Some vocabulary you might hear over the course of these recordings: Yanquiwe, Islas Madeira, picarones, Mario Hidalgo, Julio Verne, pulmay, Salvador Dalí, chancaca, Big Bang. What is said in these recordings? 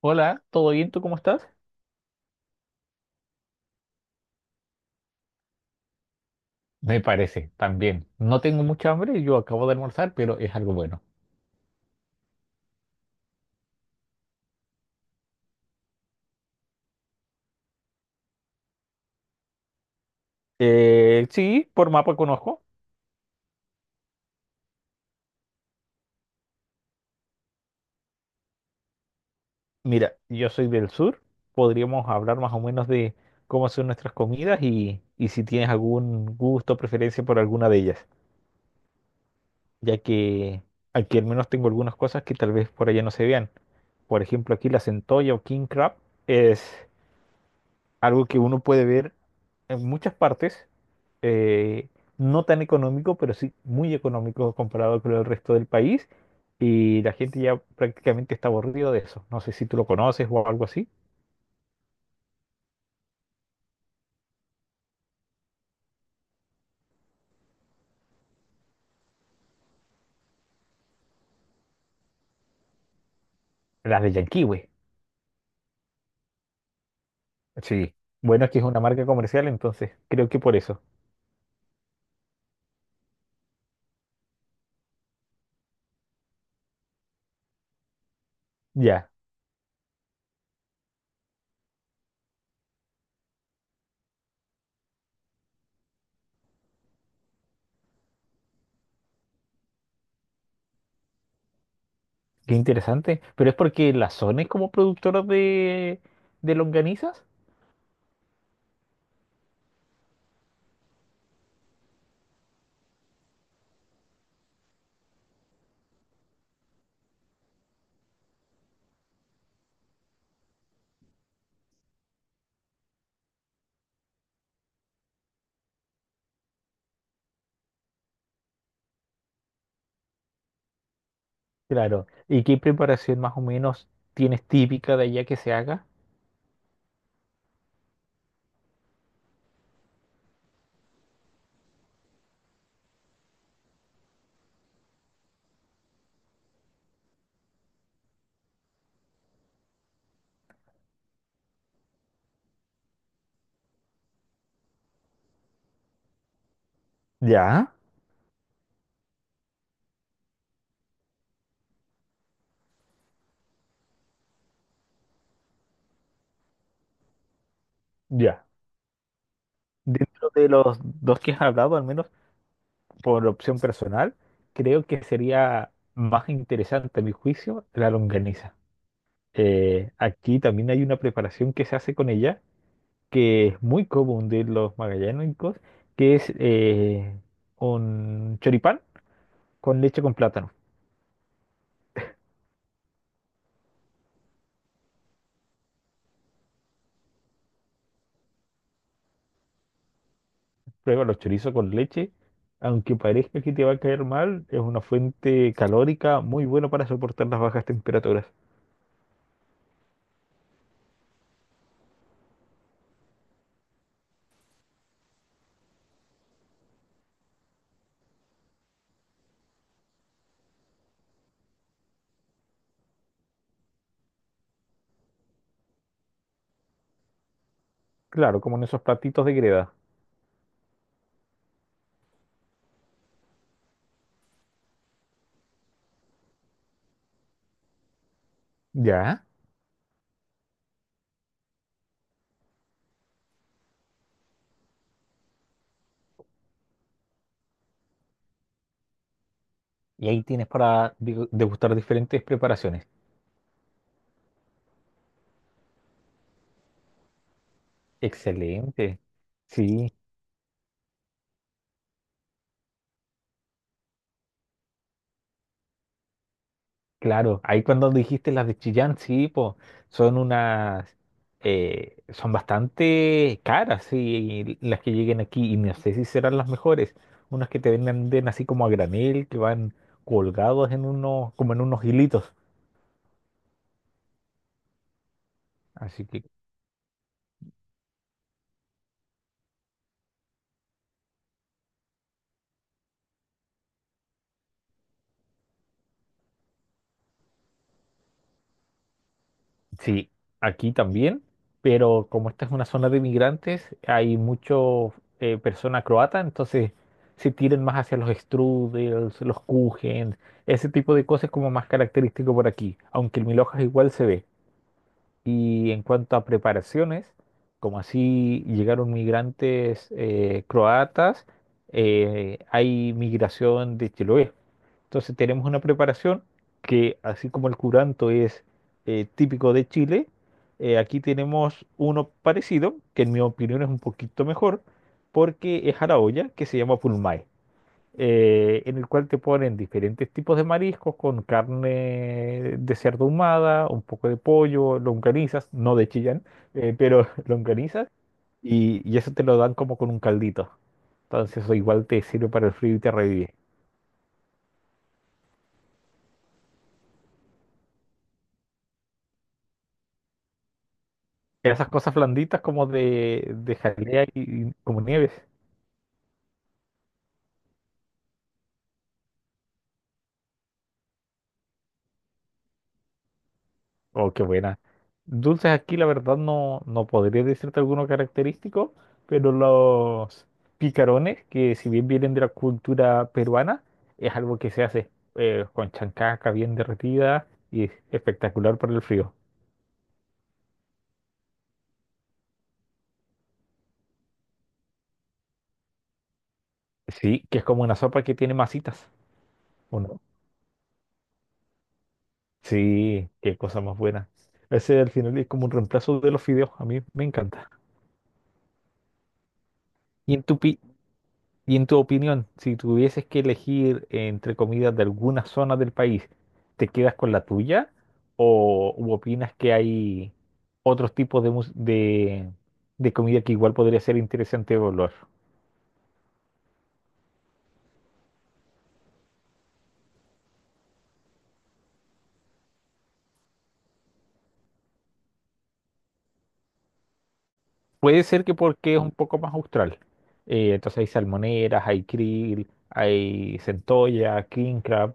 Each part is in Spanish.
Hola, ¿todo bien? ¿Tú cómo estás? Me parece, también. No tengo mucha hambre, yo acabo de almorzar, pero es algo bueno. Sí, por mapa conozco. Mira, yo soy del sur. Podríamos hablar más o menos de cómo son nuestras comidas y si tienes algún gusto o preferencia por alguna de ellas, ya que aquí al menos tengo algunas cosas que tal vez por allá no se vean. Por ejemplo, aquí la centolla o king crab es algo que uno puede ver en muchas partes, eh, no tan económico, pero sí muy económico comparado con el resto del país, y la gente ya prácticamente está aburrido de eso. No sé si tú lo conoces o algo así. Las de Yanquiwe. Sí. Bueno, es que es una marca comercial, entonces creo que por eso. Ya, qué interesante. Pero es porque la zona es como productora de longanizas. Claro. ¿Y qué preparación más o menos tienes típica de allá que se haga? Ya, ya. Dentro de los dos que has hablado, al menos por opción personal, creo que sería más interesante, a mi juicio, la longaniza. Aquí también hay una preparación que se hace con ella, que es muy común de los magallánicos, que es un choripán con leche con plátano. Prueba los chorizos con leche, aunque parezca que te va a caer mal, es una fuente calórica muy buena para soportar las bajas temperaturas. Claro, como en esos platitos de greda. ¿Ya? Y ahí tienes para digo, degustar diferentes preparaciones. Excelente. Sí, claro. Ahí cuando dijiste las de Chillán, sí, pues son unas, son bastante caras, sí, las que lleguen aquí. Y no sé si serán las mejores. Unas que te venden así como a granel, que van colgados en unos, como en unos hilitos. Así que sí, aquí también, pero como esta es una zona de migrantes, hay mucho persona croata, entonces se tiran más hacia los strudels, los kuchen, ese tipo de cosas como más característico por aquí, aunque el milhojas igual se ve. Y en cuanto a preparaciones, como así llegaron migrantes croatas, hay migración de Chiloé. Entonces tenemos una preparación que, así como el curanto es típico de Chile, aquí tenemos uno parecido, que en mi opinión es un poquito mejor, porque es a la olla, que se llama pulmay, en el cual te ponen diferentes tipos de mariscos con carne de cerdo ahumada, un poco de pollo, longanizas, no de Chillán, pero longanizas, y eso te lo dan como con un caldito. Entonces eso igual te sirve para el frío y te revive. Esas cosas blanditas como de jalea y como nieves. Oh, qué buena. Dulces aquí la verdad no, no podría decirte alguno característico, pero los picarones, que si bien vienen de la cultura peruana, es algo que se hace con chancaca bien derretida y es espectacular para el frío. Sí, que es como una sopa que tiene masitas, ¿o no? Sí, qué cosa más buena. Ese al final es como un reemplazo de los fideos, a mí me encanta. ¿Y en tu, pi- ¿Y en tu opinión, si tuvieses que elegir entre comidas de algunas zonas del país, te quedas con la tuya o u opinas que hay otros tipos de comida que igual podría ser interesante evaluar? Puede ser que porque es un poco más austral. Entonces hay salmoneras, hay krill, hay centolla, king crab,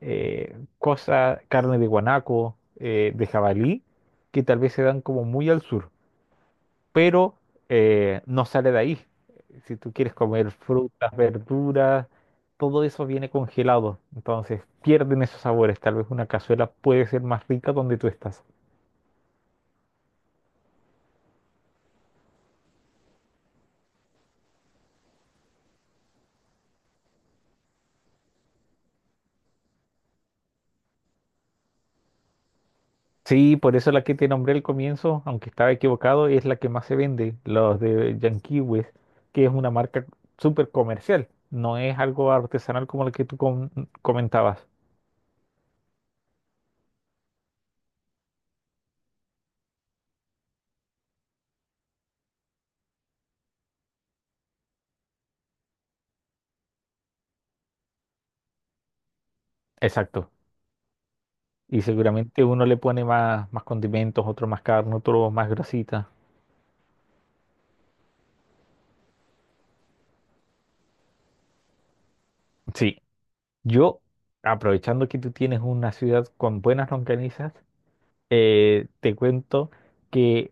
cosas, carne de guanaco, de jabalí, que tal vez se dan como muy al sur. Pero no sale de ahí. Si tú quieres comer frutas, verduras, todo eso viene congelado, entonces pierden esos sabores. Tal vez una cazuela puede ser más rica donde tú estás. Sí, por eso la que te nombré al comienzo, aunque estaba equivocado, es la que más se vende, los de Yankees, que es una marca súper comercial, no es algo artesanal como el que tú comentabas. Exacto. Y seguramente uno le pone más, más condimentos, otro más carne, otro más grasita. Sí. Yo, aprovechando que tú tienes una ciudad con buenas longanizas, te cuento que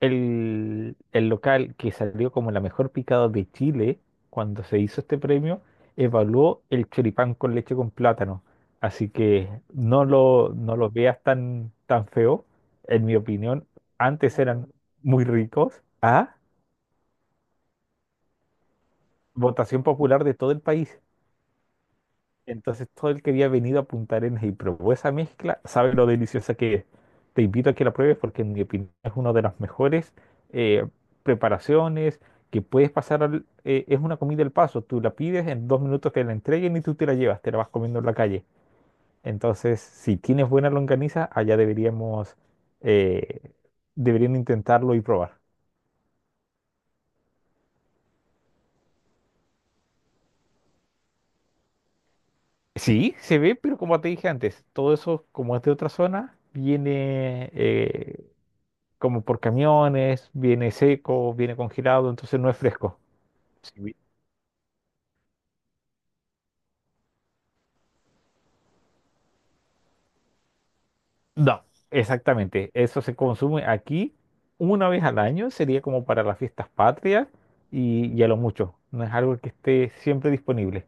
el local que salió como la mejor picada de Chile cuando se hizo este premio, evaluó el choripán con leche con plátano. Así que no lo, no lo veas tan, tan feo. En mi opinión, antes eran muy ricos. A votación popular de todo el país. Entonces todo el que había venido a Punta Arenas y probó esa mezcla sabe lo deliciosa que es. Te invito a que la pruebes porque en mi opinión es una de las mejores eh, preparaciones que puedes pasar al... es una comida al paso, tú la pides en 2 minutos que la entreguen y tú te la llevas, te la vas comiendo en la calle. Entonces, si tienes buena longaniza, allá deberíamos, eh, deberían intentarlo y probar. Sí, se ve, pero como te dije antes, todo eso, como es de otra zona, viene, como por camiones, viene seco, viene congelado, entonces no es fresco. Sí. Vi- No, exactamente. Eso se consume aquí una vez al año, sería como para las fiestas patrias y a lo mucho. No es algo que esté siempre disponible.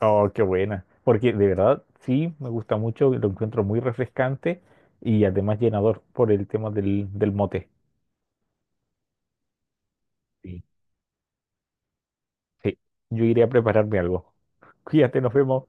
Oh, qué buena. Porque de verdad, sí, me gusta mucho, lo encuentro muy refrescante y además llenador por el tema del mote. Sí. Sí, yo iré a prepararme algo. Cuídate, nos vemos.